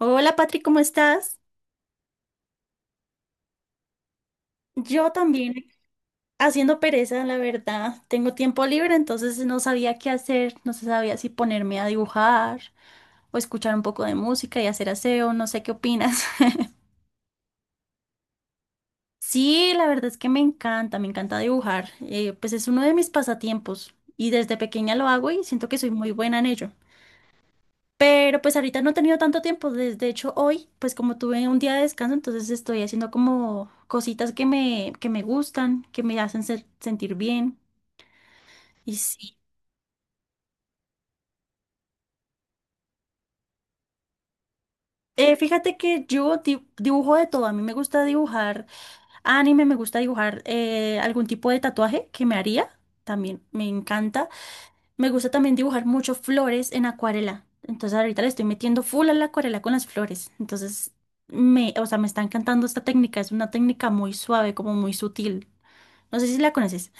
Hola Patri, ¿cómo estás? Yo también haciendo pereza, la verdad. Tengo tiempo libre, entonces no sabía qué hacer, no se sabía si ponerme a dibujar o escuchar un poco de música y hacer aseo, no sé qué opinas. Sí, la verdad es que me encanta dibujar. Pues es uno de mis pasatiempos y desde pequeña lo hago y siento que soy muy buena en ello. Pero pues ahorita no he tenido tanto tiempo. De hecho, hoy, pues como tuve un día de descanso, entonces estoy haciendo como cositas que me gustan, que me hacen sentir bien. Y sí. Fíjate que yo dibujo de todo. A mí me gusta dibujar anime, me gusta dibujar algún tipo de tatuaje que me haría. También me encanta. Me gusta también dibujar mucho flores en acuarela. Entonces ahorita le estoy metiendo full a la acuarela con las flores. Entonces me, o sea, me está encantando esta técnica. Es una técnica muy suave, como muy sutil. No sé si la conoces.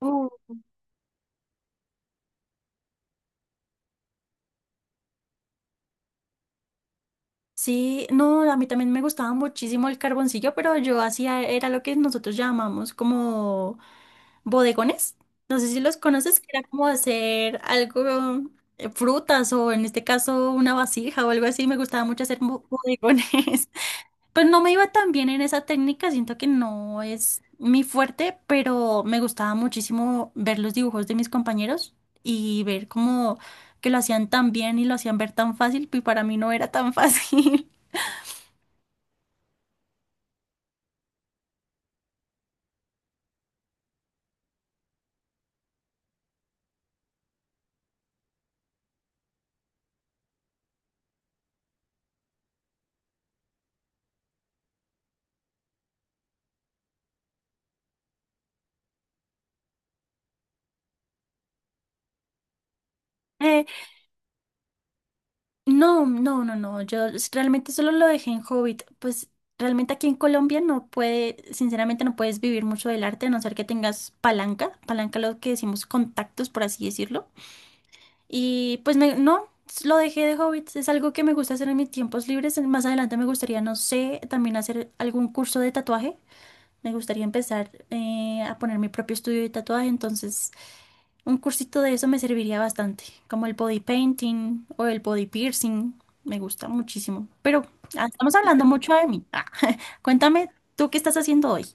Uh, Sí, no, a mí también me gustaba muchísimo el carboncillo, pero yo hacía, era lo que nosotros llamamos como bodegones. No sé si los conoces, que era como hacer algo, frutas o en este caso una vasija o algo así. Me gustaba mucho hacer bodegones. Pues no me iba tan bien en esa técnica, siento que no es mi fuerte, pero me gustaba muchísimo ver los dibujos de mis compañeros y ver cómo que lo hacían tan bien y lo hacían ver tan fácil, y para mí no era tan fácil. Eh, no, no, no, no, realmente solo lo dejé en Hobbit, pues realmente aquí en Colombia no puede, sinceramente no puedes vivir mucho del arte a no ser que tengas palanca, palanca lo que decimos contactos, por así decirlo. Y pues me, no, lo dejé de hobby. Es algo que me gusta hacer en mis tiempos libres. Más adelante me gustaría, no sé, también hacer algún curso de tatuaje. Me gustaría empezar a poner mi propio estudio de tatuaje. Entonces, un cursito de eso me serviría bastante. Como el body painting o el body piercing. Me gusta muchísimo. Pero ah, estamos hablando mucho de mí. Ah, cuéntame, ¿tú qué estás haciendo hoy?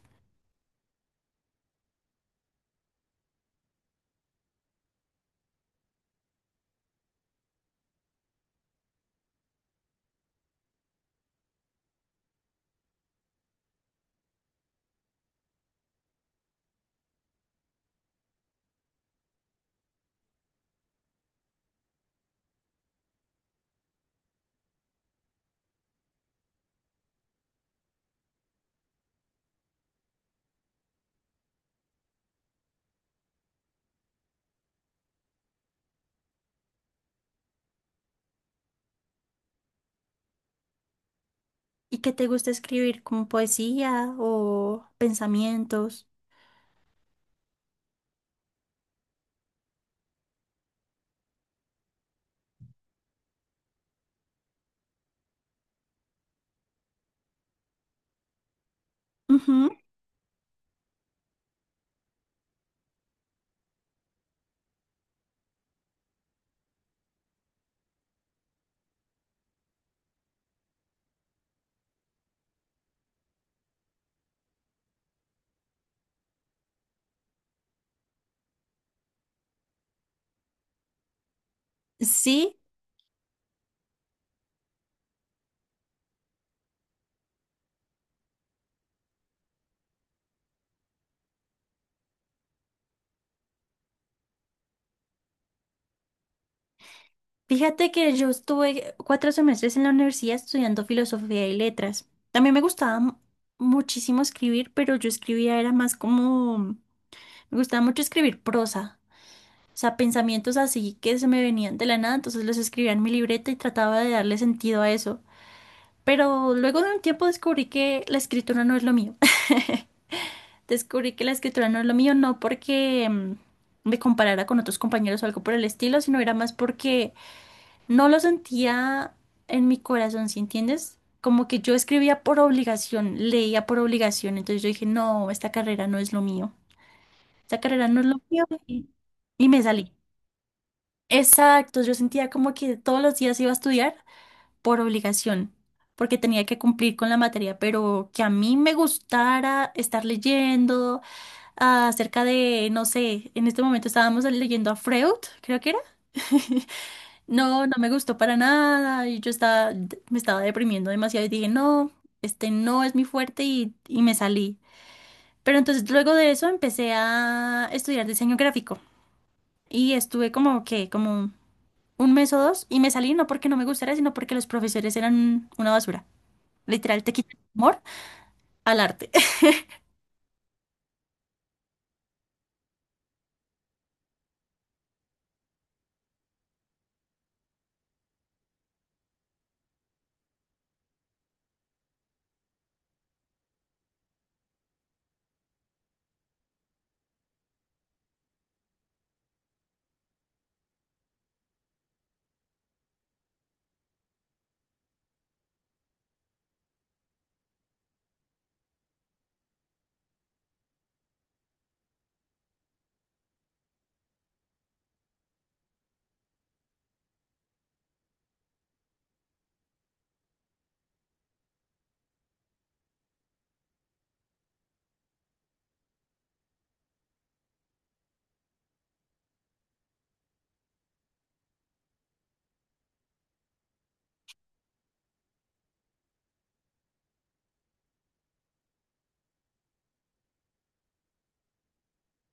¿Y qué te gusta escribir? ¿Como poesía o pensamientos? Ujú. Sí, fíjate que yo estuve 4 semestres en la universidad estudiando filosofía y letras. También me gustaba muchísimo escribir, pero yo escribía era más como, me gustaba mucho escribir prosa, o sea, pensamientos así que se me venían de la nada, entonces los escribía en mi libreta y trataba de darle sentido a eso. Pero luego de un tiempo descubrí que la escritura no es lo mío. Descubrí que la escritura no es lo mío, no porque me comparara con otros compañeros o algo por el estilo, sino era más porque no lo sentía en mi corazón, ¿sí entiendes? Como que yo escribía por obligación, leía por obligación, entonces yo dije, no, esta carrera no es lo mío, esta carrera no es lo mío y me salí. Exacto, yo sentía como que todos los días iba a estudiar por obligación, porque tenía que cumplir con la materia, pero que a mí me gustara estar leyendo acerca de, no sé, en este momento estábamos leyendo a Freud, creo que era. No, no me gustó para nada y yo estaba, me estaba deprimiendo demasiado y dije, no, este no es mi fuerte y me salí. Pero entonces luego de eso empecé a estudiar diseño gráfico y estuve como que, como un mes o dos y me salí no porque no me gustara, sino porque los profesores eran una basura. Literal, te quitan el amor al arte.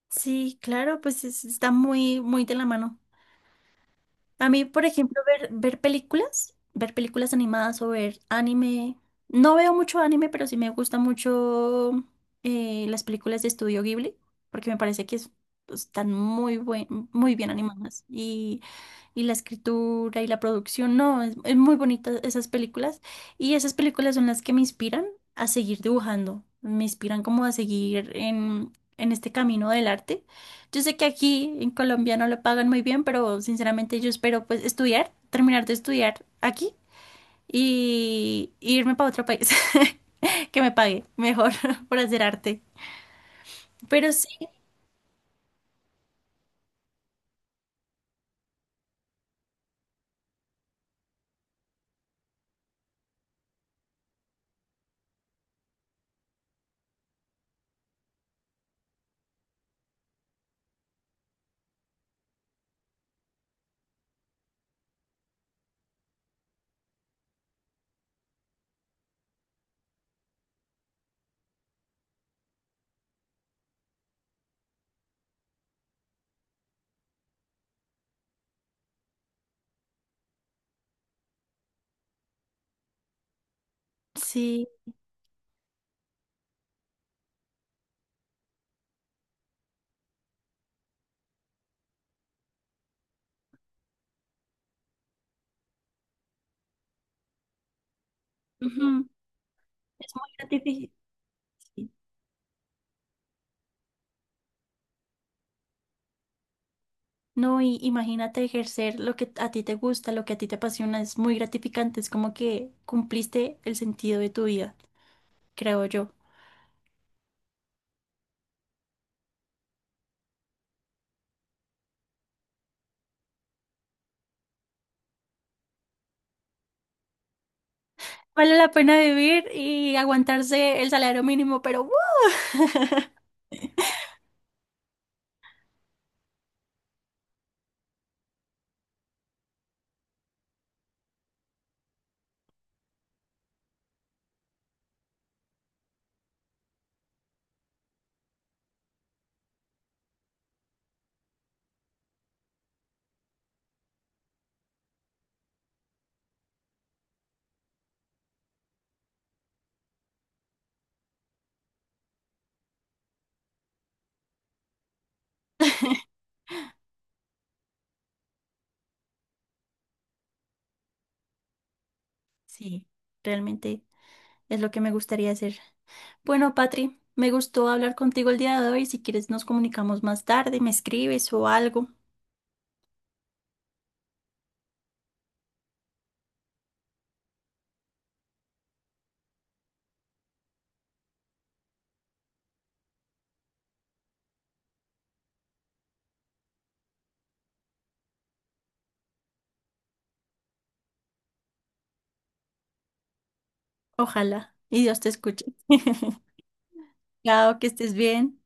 Sí, claro, pues está muy, muy de la mano. A mí, por ejemplo, ver, ver películas animadas o ver anime. No veo mucho anime, pero sí me gusta mucho las películas de Estudio Ghibli, porque me parece que están muy buen, muy bien animadas. Y la escritura y la producción, no, es muy bonita esas películas. Y esas películas son las que me inspiran a seguir dibujando, me inspiran como a seguir en este camino del arte. Yo sé que aquí en Colombia no lo pagan muy bien, pero sinceramente yo espero pues estudiar, terminar de estudiar aquí y irme para otro país que me pague mejor por hacer arte. Pero sí, sí, ujú, es muy gratificante. No, y imagínate ejercer lo que a ti te gusta, lo que a ti te apasiona, es muy gratificante, es como que cumpliste el sentido de tu vida, creo yo. Vale la pena vivir y aguantarse el salario mínimo, pero ¡uh! Sí, realmente. Es lo que me gustaría hacer. Bueno, Patri, me gustó hablar contigo el día de hoy. Si quieres, nos comunicamos más tarde, me escribes o algo. Ojalá. Y Dios te escuche. Chao, que estés bien.